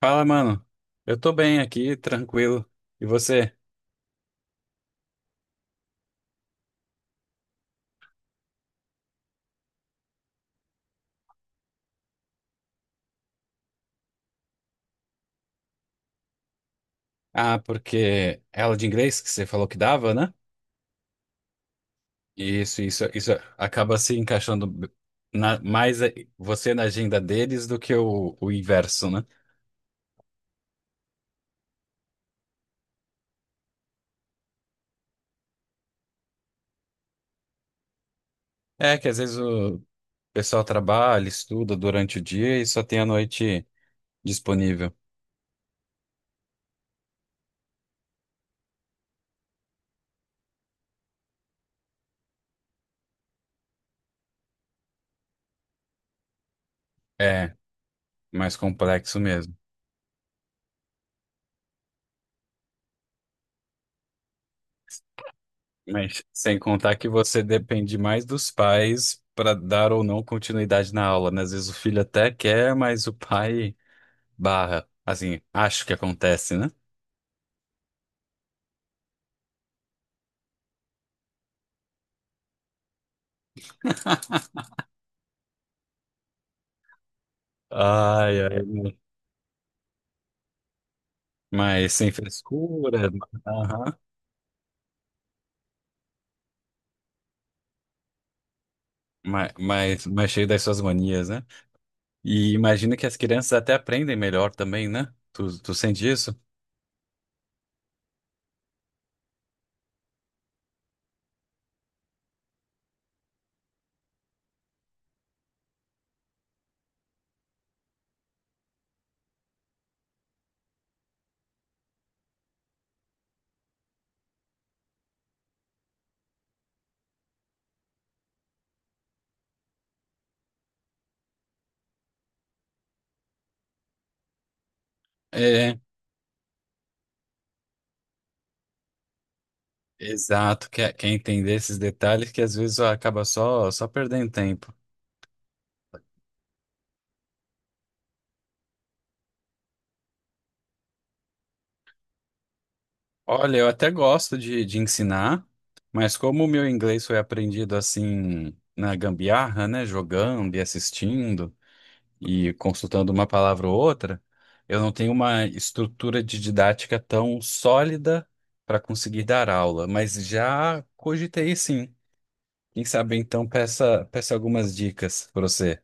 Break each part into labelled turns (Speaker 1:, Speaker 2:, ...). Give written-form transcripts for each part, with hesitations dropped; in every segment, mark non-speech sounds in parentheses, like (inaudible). Speaker 1: Fala, mano. Eu tô bem aqui, tranquilo. E você? Ah, porque é aula de inglês que você falou que dava, né? Isso acaba se encaixando na- mais a- você na agenda deles do que o inverso, né? É que às vezes o pessoal trabalha, estuda durante o dia e só tem a noite disponível. É, mais complexo mesmo. Mas sem contar que você depende mais dos pais para dar ou não continuidade na aula, né? Às vezes o filho até quer, mas o pai barra, assim, acho que acontece, né? Ai, ai, mas sem frescura, aham, mas cheio das suas manias, né? E imagina que as crianças até aprendem melhor também, né? Tu sente isso? É, exato, quer entender esses detalhes que às vezes acaba só perdendo tempo. Olha, eu até gosto de ensinar, mas como o meu inglês foi aprendido assim na gambiarra, né? Jogando e assistindo, e consultando uma palavra ou outra. Eu não tenho uma estrutura de didática tão sólida para conseguir dar aula, mas já cogitei, sim. Quem sabe então peça algumas dicas para você.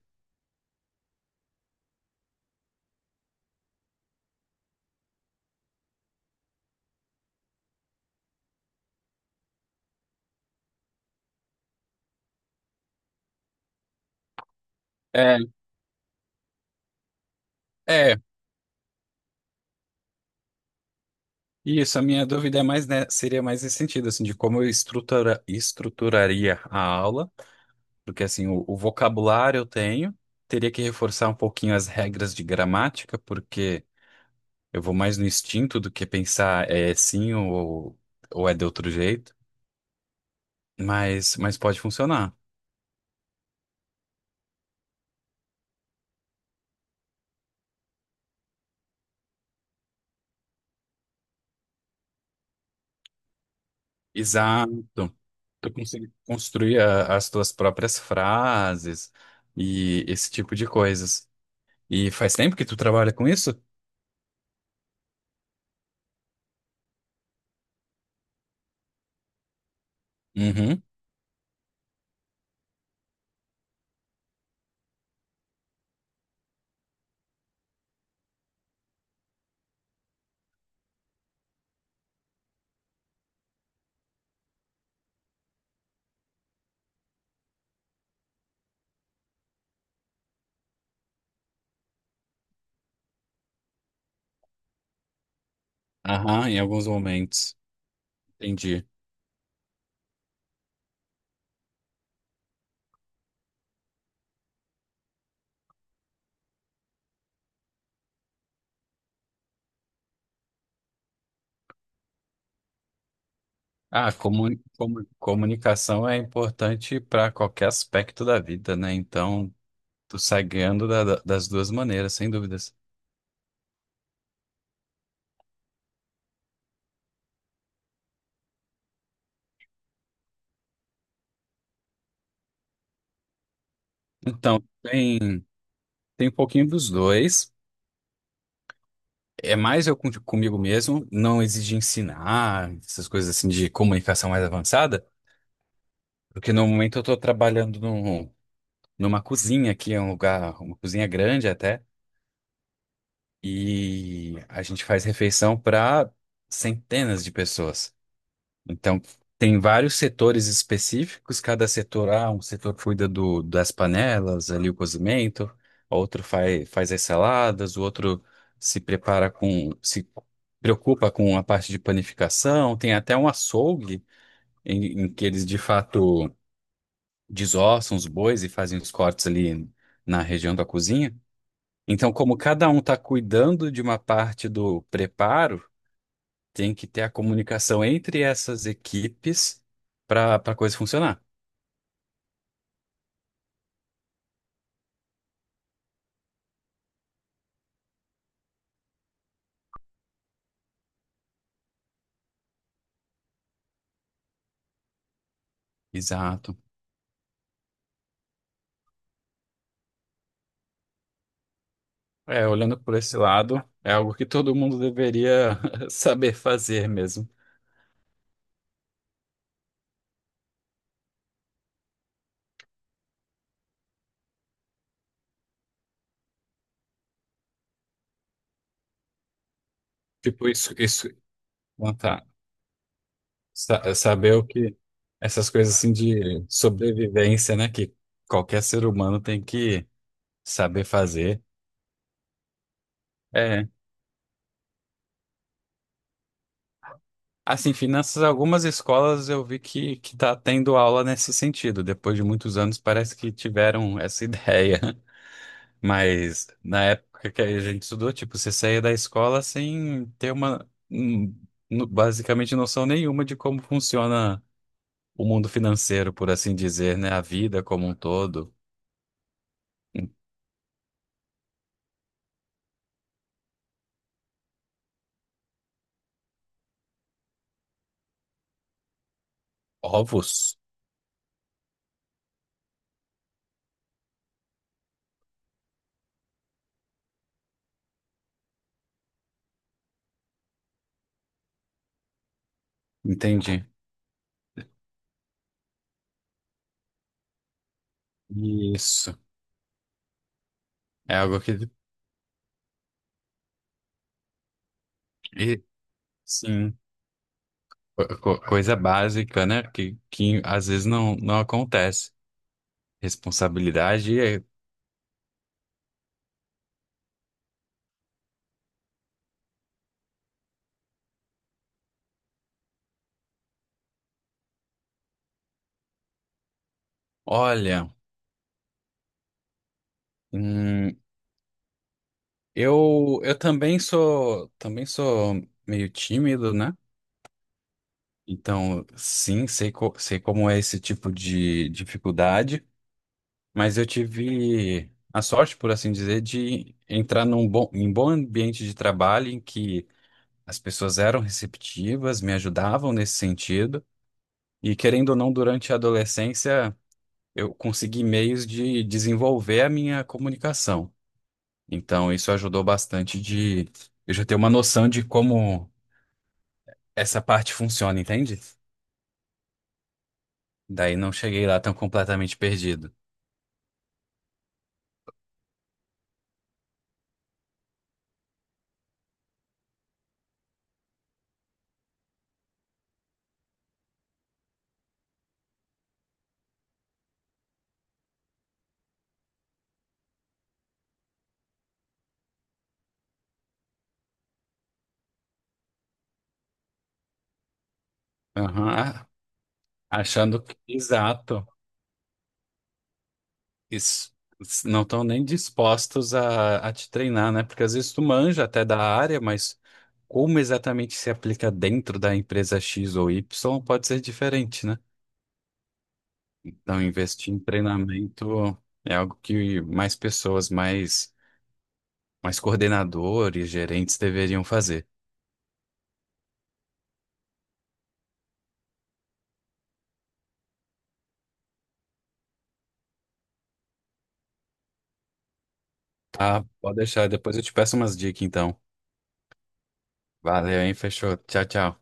Speaker 1: É, é, isso, a minha dúvida é mais, né, seria mais nesse sentido, assim, de como eu estruturaria a aula, porque assim, o vocabulário eu tenho, teria que reforçar um pouquinho as regras de gramática. Porque eu vou mais no instinto do que pensar é sim, ou é de outro jeito, mas, pode funcionar. Exato. Tu consegue construir as tuas próprias frases e esse tipo de coisas. E faz tempo que tu trabalha com isso? Uhum. Aham, em alguns momentos. Entendi. Ah, comunicação é importante para qualquer aspecto da vida, né? Então, tu sai ganhando das duas maneiras, sem dúvidas. Então, tem. Tem um pouquinho dos dois. É mais eu comigo mesmo, não exige ensinar, essas coisas assim de comunicação mais avançada, porque no momento eu estou trabalhando numa cozinha aqui, é um lugar, uma cozinha grande até, e a gente faz refeição para centenas de pessoas. Então, tem vários setores específicos, cada setor, ah, um setor cuida do, das panelas, ali o cozimento, outro faz as saladas, o outro se preocupa com a parte de panificação, tem até um açougue em que eles de fato desossam os bois e fazem os cortes ali na região da cozinha. Então, como cada um está cuidando de uma parte do preparo, tem que ter a comunicação entre essas equipes para a coisa funcionar. Exato. É, olhando por esse lado, é algo que todo mundo deveria (laughs) saber fazer mesmo. Tipo, isso, não tá. Saber o que, essas coisas assim de sobrevivência, né, que qualquer ser humano tem que saber fazer. É. Assim, finanças, algumas escolas eu vi que tá tendo aula nesse sentido. Depois de muitos anos, parece que tiveram essa (laughs) ideia. Mas na época que a gente estudou, tipo, você saía da escola sem ter uma, basicamente, noção nenhuma de como funciona o mundo financeiro, por assim dizer, né? A vida como um todo. Ovos? Entendi. Isso. É algo que, e, sim, coisa básica, né? Que às vezes não, não acontece. Responsabilidade é, olha, hum, eu também sou, meio tímido, né? Então, sim, sei, sei como é esse tipo de dificuldade, mas eu tive a sorte, por assim dizer, de entrar num bom ambiente de trabalho em que as pessoas eram receptivas, me ajudavam nesse sentido, e querendo ou não, durante a adolescência, eu consegui meios de desenvolver a minha comunicação. Então, isso ajudou bastante de eu já ter uma noção de como essa parte funciona, entende? Daí não cheguei lá tão completamente perdido. Aham. Achando que, exato, isso, não estão nem dispostos a te treinar, né? Porque às vezes tu manja até da área, mas como exatamente se aplica dentro da empresa X ou Y pode ser diferente, né? Então, investir em treinamento é algo que mais pessoas, mais coordenadores, gerentes deveriam fazer. Tá, pode deixar, depois eu te peço umas dicas, então. Valeu, hein? Fechou. Tchau, tchau.